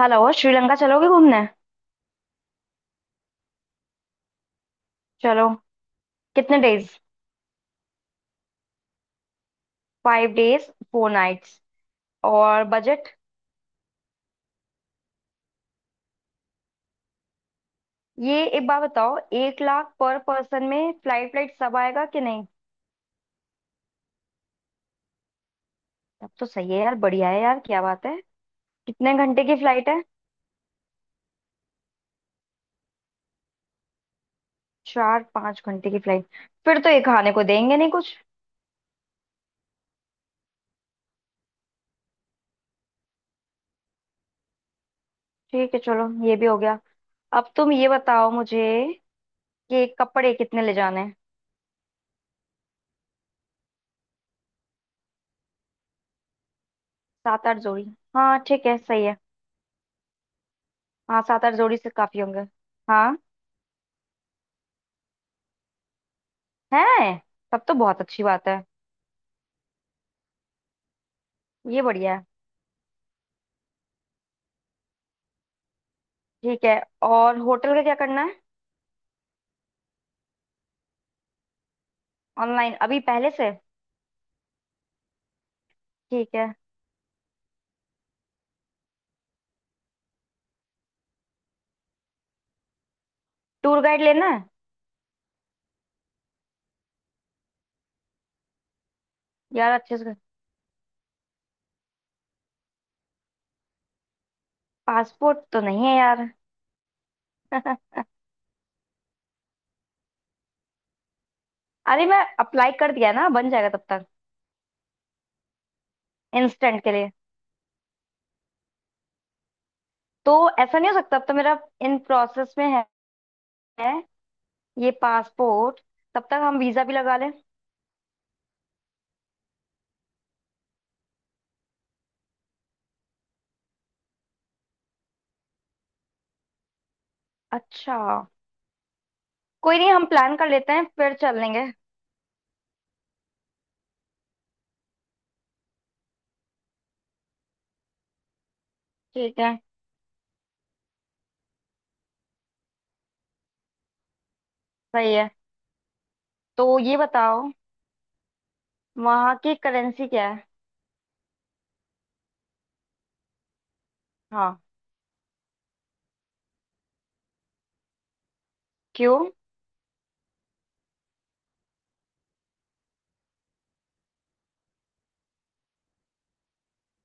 Hello. Sri Lanka चलोगे घूमने। चलो। कितने डेज। 5 days 4 nights। और बजट। ये एक बात बताओ, 1 लाख पर पर्सन में फ्लाइट फ्लाइट सब आएगा कि नहीं। तब तो सही है यार, बढ़िया है यार, क्या बात है। कितने घंटे की फ्लाइट है। 4 5 घंटे की फ्लाइट। फिर तो ये खाने को देंगे नहीं कुछ। ठीक है, चलो ये भी हो गया। अब तुम ये बताओ मुझे कि कपड़े कितने ले जाने हैं। 7 8 जोड़ी। हाँ ठीक है, सही है। हाँ, 7 8 जोड़ी से काफी होंगे। हाँ। है। तब तो बहुत अच्छी बात है। ये बढ़िया है। ठीक है, और होटल का क्या करना है। ऑनलाइन अभी पहले से। ठीक है। टूर गाइड लेना है। यार अच्छे से। पासपोर्ट तो नहीं है यार। अरे मैं अप्लाई कर दिया ना, बन जाएगा तब तक। इंस्टेंट के लिए। तो ऐसा नहीं हो सकता अब, तो मेरा इन प्रोसेस में है। है। ये पासपोर्ट। तब तक हम वीजा भी लगा लें। अच्छा। कोई नहीं, हम प्लान कर लेते हैं फिर चल लेंगे। ठीक है। सही है। तो ये बताओ वहाँ की करेंसी क्या है। हाँ। क्यों।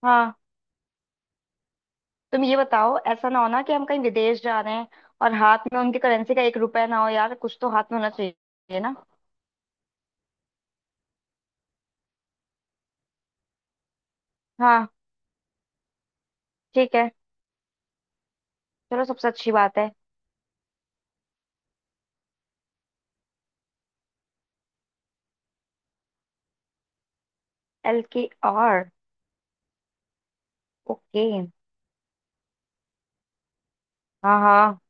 हाँ, तुम ये बताओ, ऐसा ना हो ना कि हम कहीं विदेश जा रहे हैं और हाथ में उनकी करेंसी का एक रुपया ना हो यार, कुछ तो हाथ में होना चाहिए ना। हाँ। ठीक है। चलो, सबसे अच्छी बात है। एल की आर। ओके। हाँ हाँ।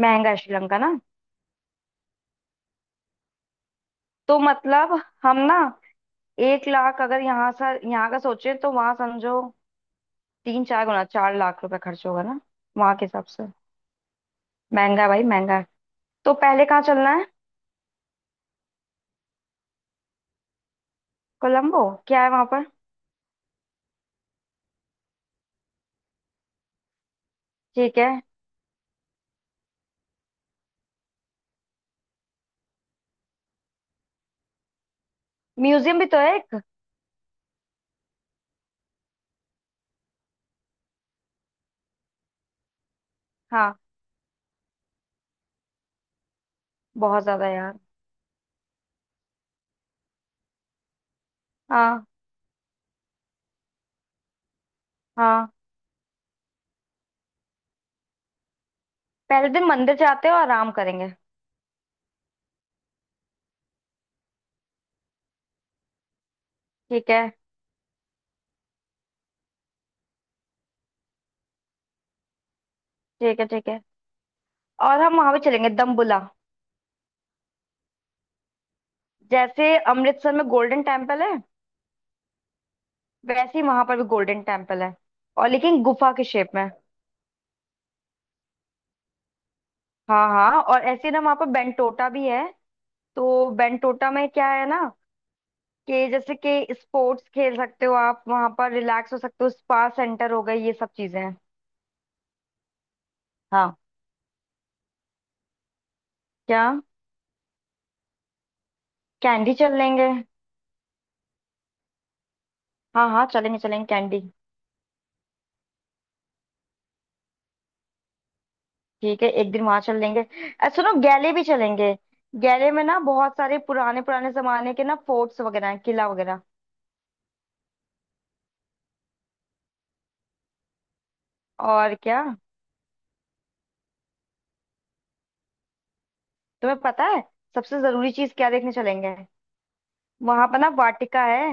महंगा है श्रीलंका ना। तो मतलब हम ना, 1 लाख अगर यहाँ सा यहाँ का सोचे तो वहां समझो 3 4 गुना, ₹4 लाख खर्च होगा ना, वहां के हिसाब से। महंगा है भाई, महंगा है। तो पहले कहाँ चलना है। कोलंबो। क्या है वहां पर। ठीक है। म्यूजियम भी तो है एक। हाँ। बहुत ज्यादा यार। हाँ हाँ। पहले दिन मंदिर जाते हैं और आराम करेंगे। ठीक है ठीक है। ठीक है, और हम वहां भी चलेंगे दम्बुला। जैसे अमृतसर में गोल्डन टेम्पल है, वैसे ही वहां पर भी गोल्डन टेम्पल है, और लेकिन गुफा के शेप में। हाँ हाँ, और ऐसे ही ना वहां पर बेंटोटा भी है। तो बेंटोटा में क्या है ना कि जैसे कि स्पोर्ट्स खेल सकते हो, आप वहां पर रिलैक्स हो सकते हो, स्पा सेंटर हो गए, ये सब चीजें हैं। हाँ। क्या। कैंडी चल लेंगे। हाँ हाँ, चलेंगे चलेंगे कैंडी। ठीक है, एक दिन वहां चल लेंगे। सुनो, गैले भी चलेंगे। गैले में ना बहुत सारे पुराने पुराने जमाने के ना फोर्ट्स वगैरह हैं, किला वगैरह। और क्या। तुम्हें पता है सबसे जरूरी चीज क्या देखने चलेंगे। वहां पर ना वाटिका है,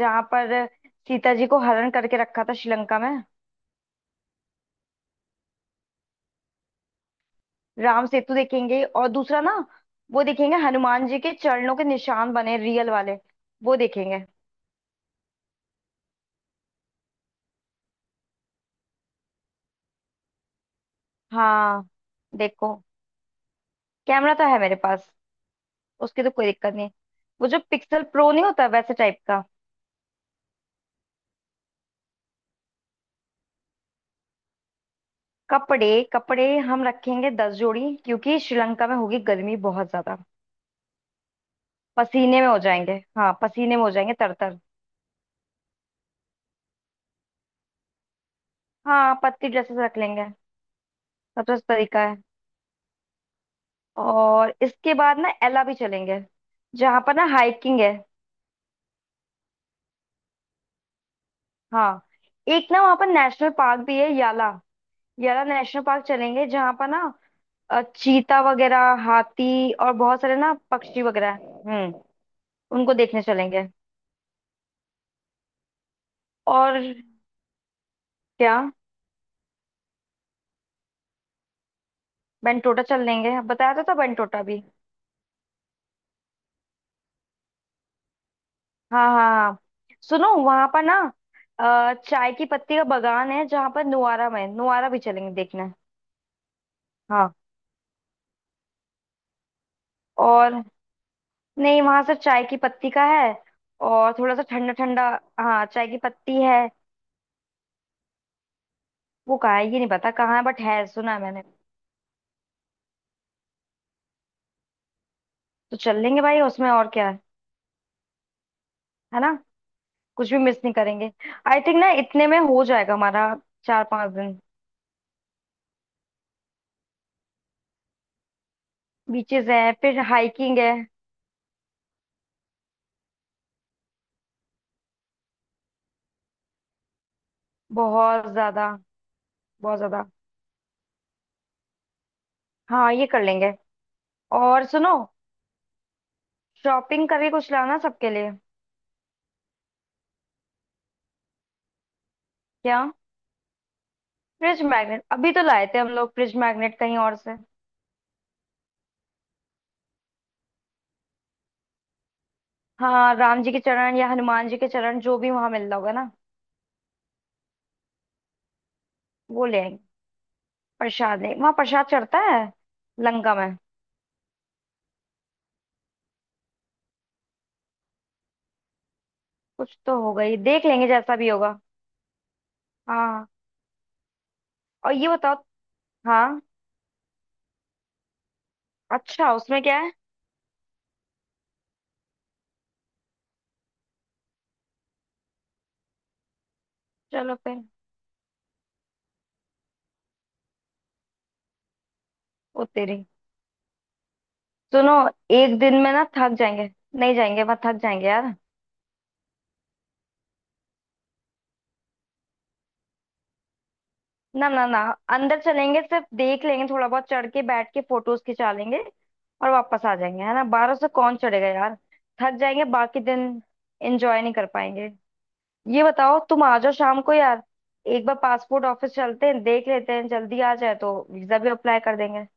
जहां पर सीता जी को हरण करके रखा था श्रीलंका में। राम सेतु देखेंगे, और दूसरा ना, वो देखेंगे हनुमान जी के चरणों के निशान बने, रियल वाले। वो देखेंगे। हाँ। देखो, कैमरा तो है मेरे पास, उसकी तो कोई दिक्कत नहीं। वो जो पिक्सल प्रो नहीं होता वैसे टाइप का। कपड़े। कपड़े हम रखेंगे 10 जोड़ी, क्योंकि श्रीलंका में होगी गर्मी बहुत ज्यादा। पसीने में हो जाएंगे, हाँ पसीने में हो जाएंगे तरतर। हाँ पतली ड्रेसेस रख लेंगे, सबसे अच्छा तरीका है। और इसके बाद ना एला भी चलेंगे, जहाँ पर ना हाइकिंग है। हाँ। एक ना वहाँ पर नेशनल पार्क भी है, याला। याला नेशनल पार्क चलेंगे, जहाँ पर ना चीता वगैरह, हाथी, और बहुत सारे ना पक्षी वगैरह हैं। हम्म। उनको देखने चलेंगे। और क्या। बेंटोटा चल लेंगे, बताया तो था बेंटोटा भी। हाँ हाँ हाँ। सुनो, वहां पर ना चाय की पत्ती का बागान है, जहां पर नुआरा में, नुआरा भी चलेंगे देखने। हाँ। और, नहीं वहां से चाय की पत्ती का है, और थोड़ा सा ठंडा ठंडा। हाँ, चाय की पत्ती है। वो कहाँ है ये नहीं पता, कहाँ है, बट है, सुना है मैंने। तो चल लेंगे भाई, उसमें और क्या है ना। कुछ भी मिस नहीं करेंगे। आई थिंक ना इतने में हो जाएगा हमारा, 4 5 दिन। बीचेस है, फिर हाइकिंग है। बहुत ज्यादा, बहुत ज्यादा। हाँ ये कर लेंगे। और सुनो, शॉपिंग करके कुछ लाना सबके लिए। क्या। फ्रिज मैग्नेट अभी तो लाए थे हम लोग, फ्रिज मैग्नेट कहीं और से। हाँ राम जी के चरण या हनुमान जी के चरण, जो भी वहां मिल रहा होगा ना, वो ले आएंगे। प्रसाद नहीं, वहां प्रसाद चढ़ता है, लंका में। कुछ तो होगा, ये देख लेंगे जैसा भी होगा। हाँ। और ये बताओ। हाँ। अच्छा उसमें क्या है। चलो फिर। ओ तेरी। सुनो, एक दिन में ना थक जाएंगे। नहीं जाएंगे वहां, थक जाएंगे यार। ना ना ना। अंदर चलेंगे, सिर्फ देख लेंगे, थोड़ा बहुत चढ़ के बैठ के फोटोज खिंचा लेंगे और वापस आ जाएंगे, है ना। 1200 कौन चढ़ेगा यार, थक जाएंगे बाकी दिन, एंजॉय नहीं कर पाएंगे। ये बताओ तुम आ जाओ शाम को यार। एक बार पासपोर्ट ऑफिस चलते हैं, देख लेते हैं, जल्दी आ जाए तो वीजा भी अप्लाई कर देंगे।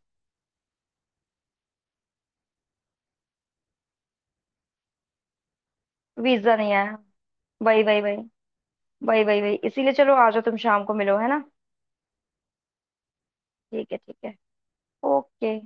वीजा नहीं आया। वही वही वही, वही वही वही, इसीलिए चलो, आ जाओ तुम शाम को, मिलो, है ना। ठीक है ठीक है। ओके।